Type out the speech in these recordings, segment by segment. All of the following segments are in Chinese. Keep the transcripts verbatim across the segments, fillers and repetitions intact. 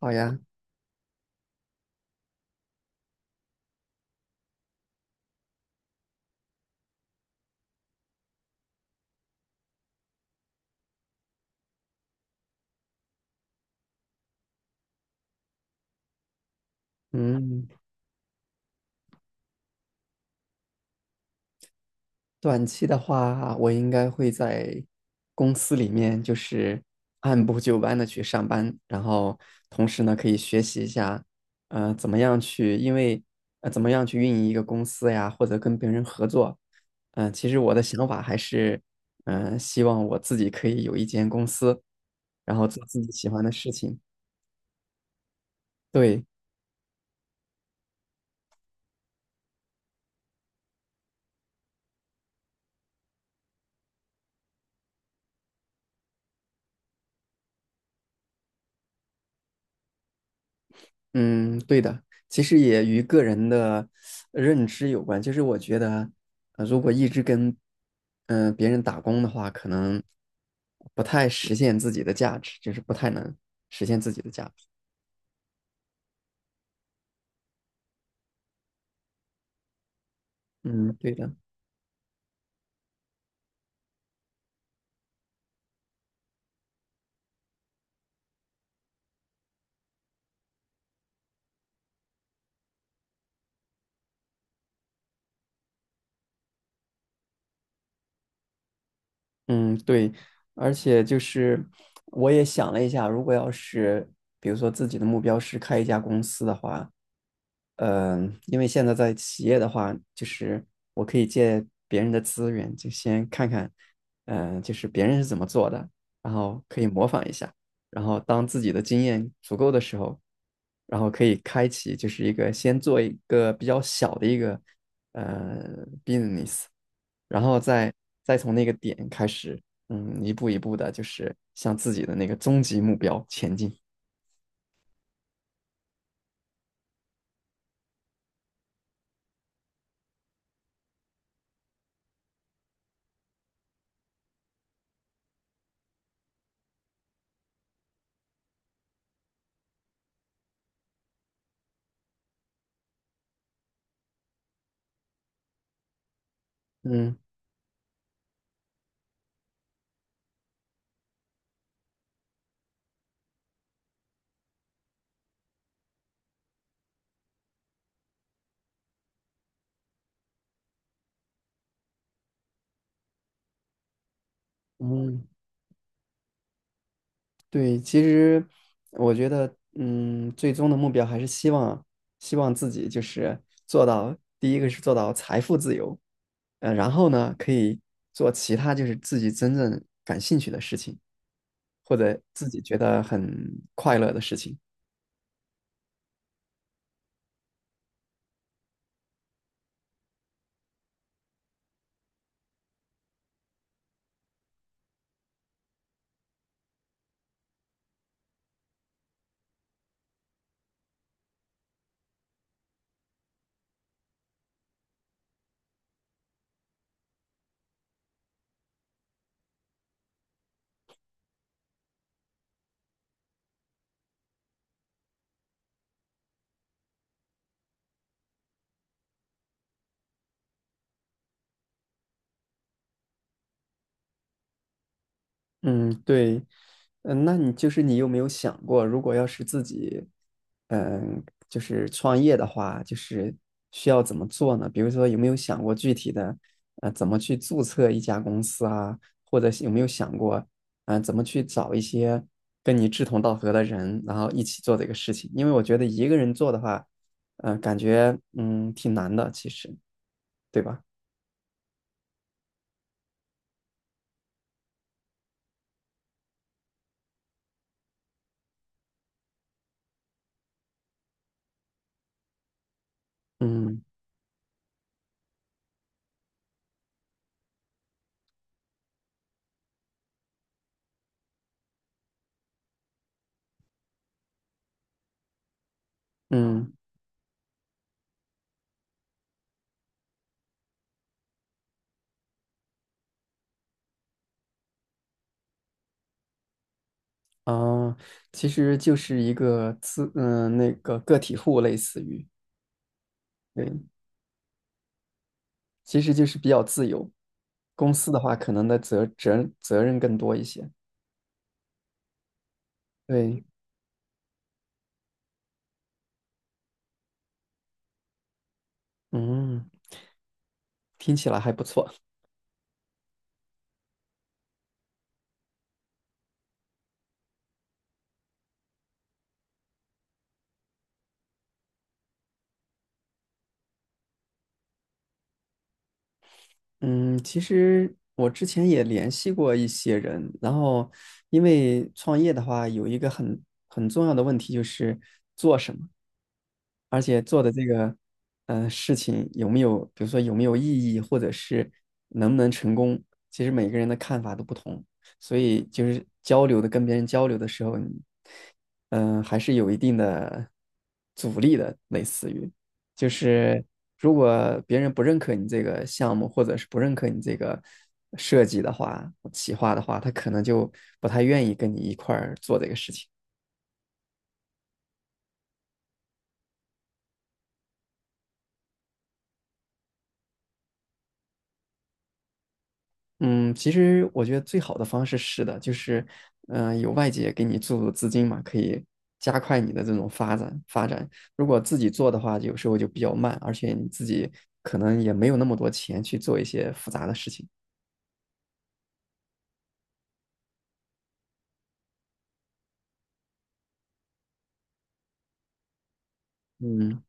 好呀。嗯，短期的话，我应该会在公司里面就是 按部就班的去上班，然后同时呢，可以学习一下，呃，怎么样去，因为呃，怎么样去运营一个公司呀，或者跟别人合作。嗯、其实我的想法还是，嗯、希望我自己可以有一间公司，然后做自己喜欢的事情。对。嗯，对的，其实也与个人的呃认知有关。就是我觉得，呃如果一直跟嗯、呃别人打工的话，可能不太实现自己的价值，就是不太能实现自己的价值。嗯，对的。嗯，对，而且就是我也想了一下，如果要是比如说自己的目标是开一家公司的话。嗯，因为现在在企业的话，就是我可以借别人的资源，就先看看，嗯，就是别人是怎么做的，然后可以模仿一下，然后当自己的经验足够的时候，然后可以开启就是一个先做一个比较小的一个呃 business，然后再再从那个点开始，嗯，一步一步的，就是向自己的那个终极目标前进。嗯嗯。对，其实我觉得，嗯，最终的目标还是希望，希望自己就是做到，第一个是做到财富自由，呃，然后呢，可以做其他就是自己真正感兴趣的事情，或者自己觉得很快乐的事情。嗯，对。嗯，那你就是你有没有想过，如果要是自己，嗯，就是创业的话，就是需要怎么做呢？比如说，有没有想过具体的，呃，怎么去注册一家公司啊？或者是有没有想过，嗯、怎么去找一些跟你志同道合的人，然后一起做这个事情？因为我觉得一个人做的话，嗯、感觉嗯挺难的，其实，对吧？嗯嗯。啊，其实就是一个自，嗯，呃那个个体户类似于。对，其实就是比较自由。公司的话，可能的责责责任更多一些。对。嗯，听起来还不错。嗯，其实我之前也联系过一些人，然后因为创业的话，有一个很很重要的问题就是。而且做的这个嗯，事情有没有，比如说有没有意义，或者是能不能成功，其实每个人的看法都不同，所以就是交流的跟别人交流的时候，你嗯、呃还是有一定的阻力的，类似于就是如果别人不认可你这个项目，或者是不认可你这个设计的话、企划的话，他可能就不太愿意跟你一块儿做这个事情。嗯，其实我觉得最好的方式是的，就是，嗯、有外界给你注入资金嘛，可以加快你的这种发展发展。如果自己做的话，有时候就比较慢，而且你自己可能也没有那么多钱去做一些复杂的事情。嗯。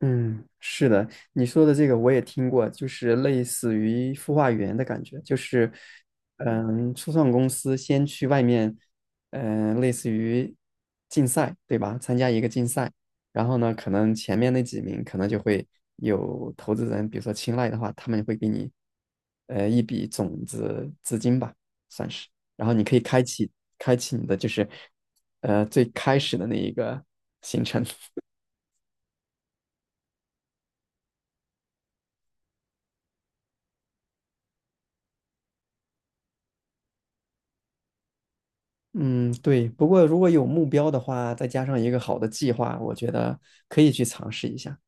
嗯，是的，你说的这个我也听过，就是类似于孵化园的感觉，就是，嗯，初创公司先去外面，嗯，类似于竞赛，对吧？参加一个竞赛，然后呢，可能前面那几名可能就会有投资人，比如说青睐的话，他们会给你，呃，一笔种子资金吧，算是，然后你可以开启开启你的就是，呃，最开始的那一个行程。嗯，对。不过如果有目标的话，再加上一个好的计划，我觉得可以去尝试一下。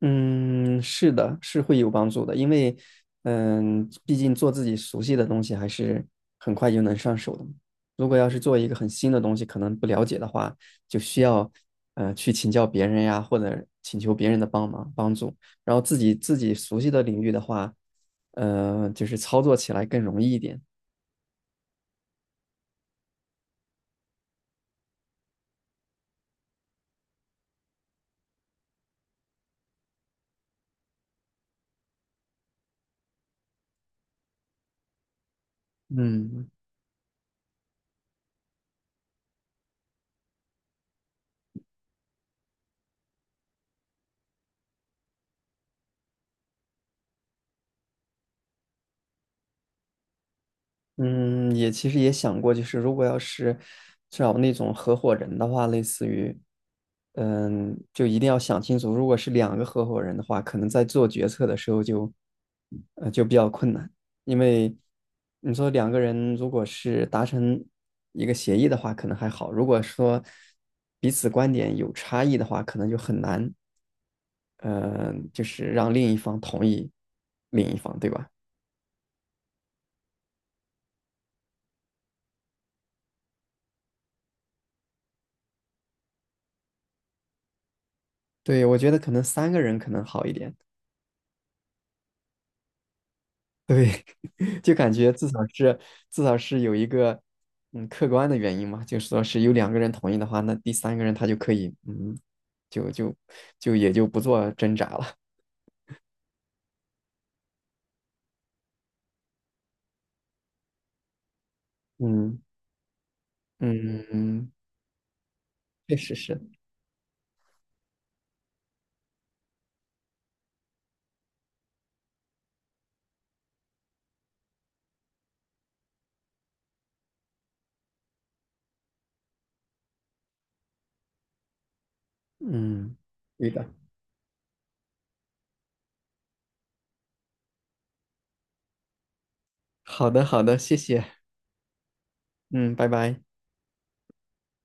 嗯，是的，是会有帮助的，因为嗯，毕竟做自己熟悉的东西还是很快就能上手的嘛。如果要是做一个很新的东西，可能不了解的话，就需要呃去请教别人呀，或者请求别人的帮忙帮助。然后自己自己熟悉的领域的话，呃，就是操作起来更容易一点。嗯。嗯，也其实也想过，就是如果要是找那种合伙人的话，类似于，嗯，就一定要想清楚，如果是两个合伙人的话，可能在做决策的时候就，呃，就比较困难，因为你说两个人如果是达成一个协议的话，可能还好；如果说彼此观点有差异的话，可能就很难，呃，就是让另一方同意另一方，对吧？对，我觉得可能三个人可能好一点。对，就感觉至少是至少是有一个嗯客观的原因嘛，就说是有两个人同意的话，那第三个人他就可以嗯，就就就也就不做挣扎了。嗯嗯嗯，确实是，嗯，对的。好的好的，谢谢，嗯，拜拜。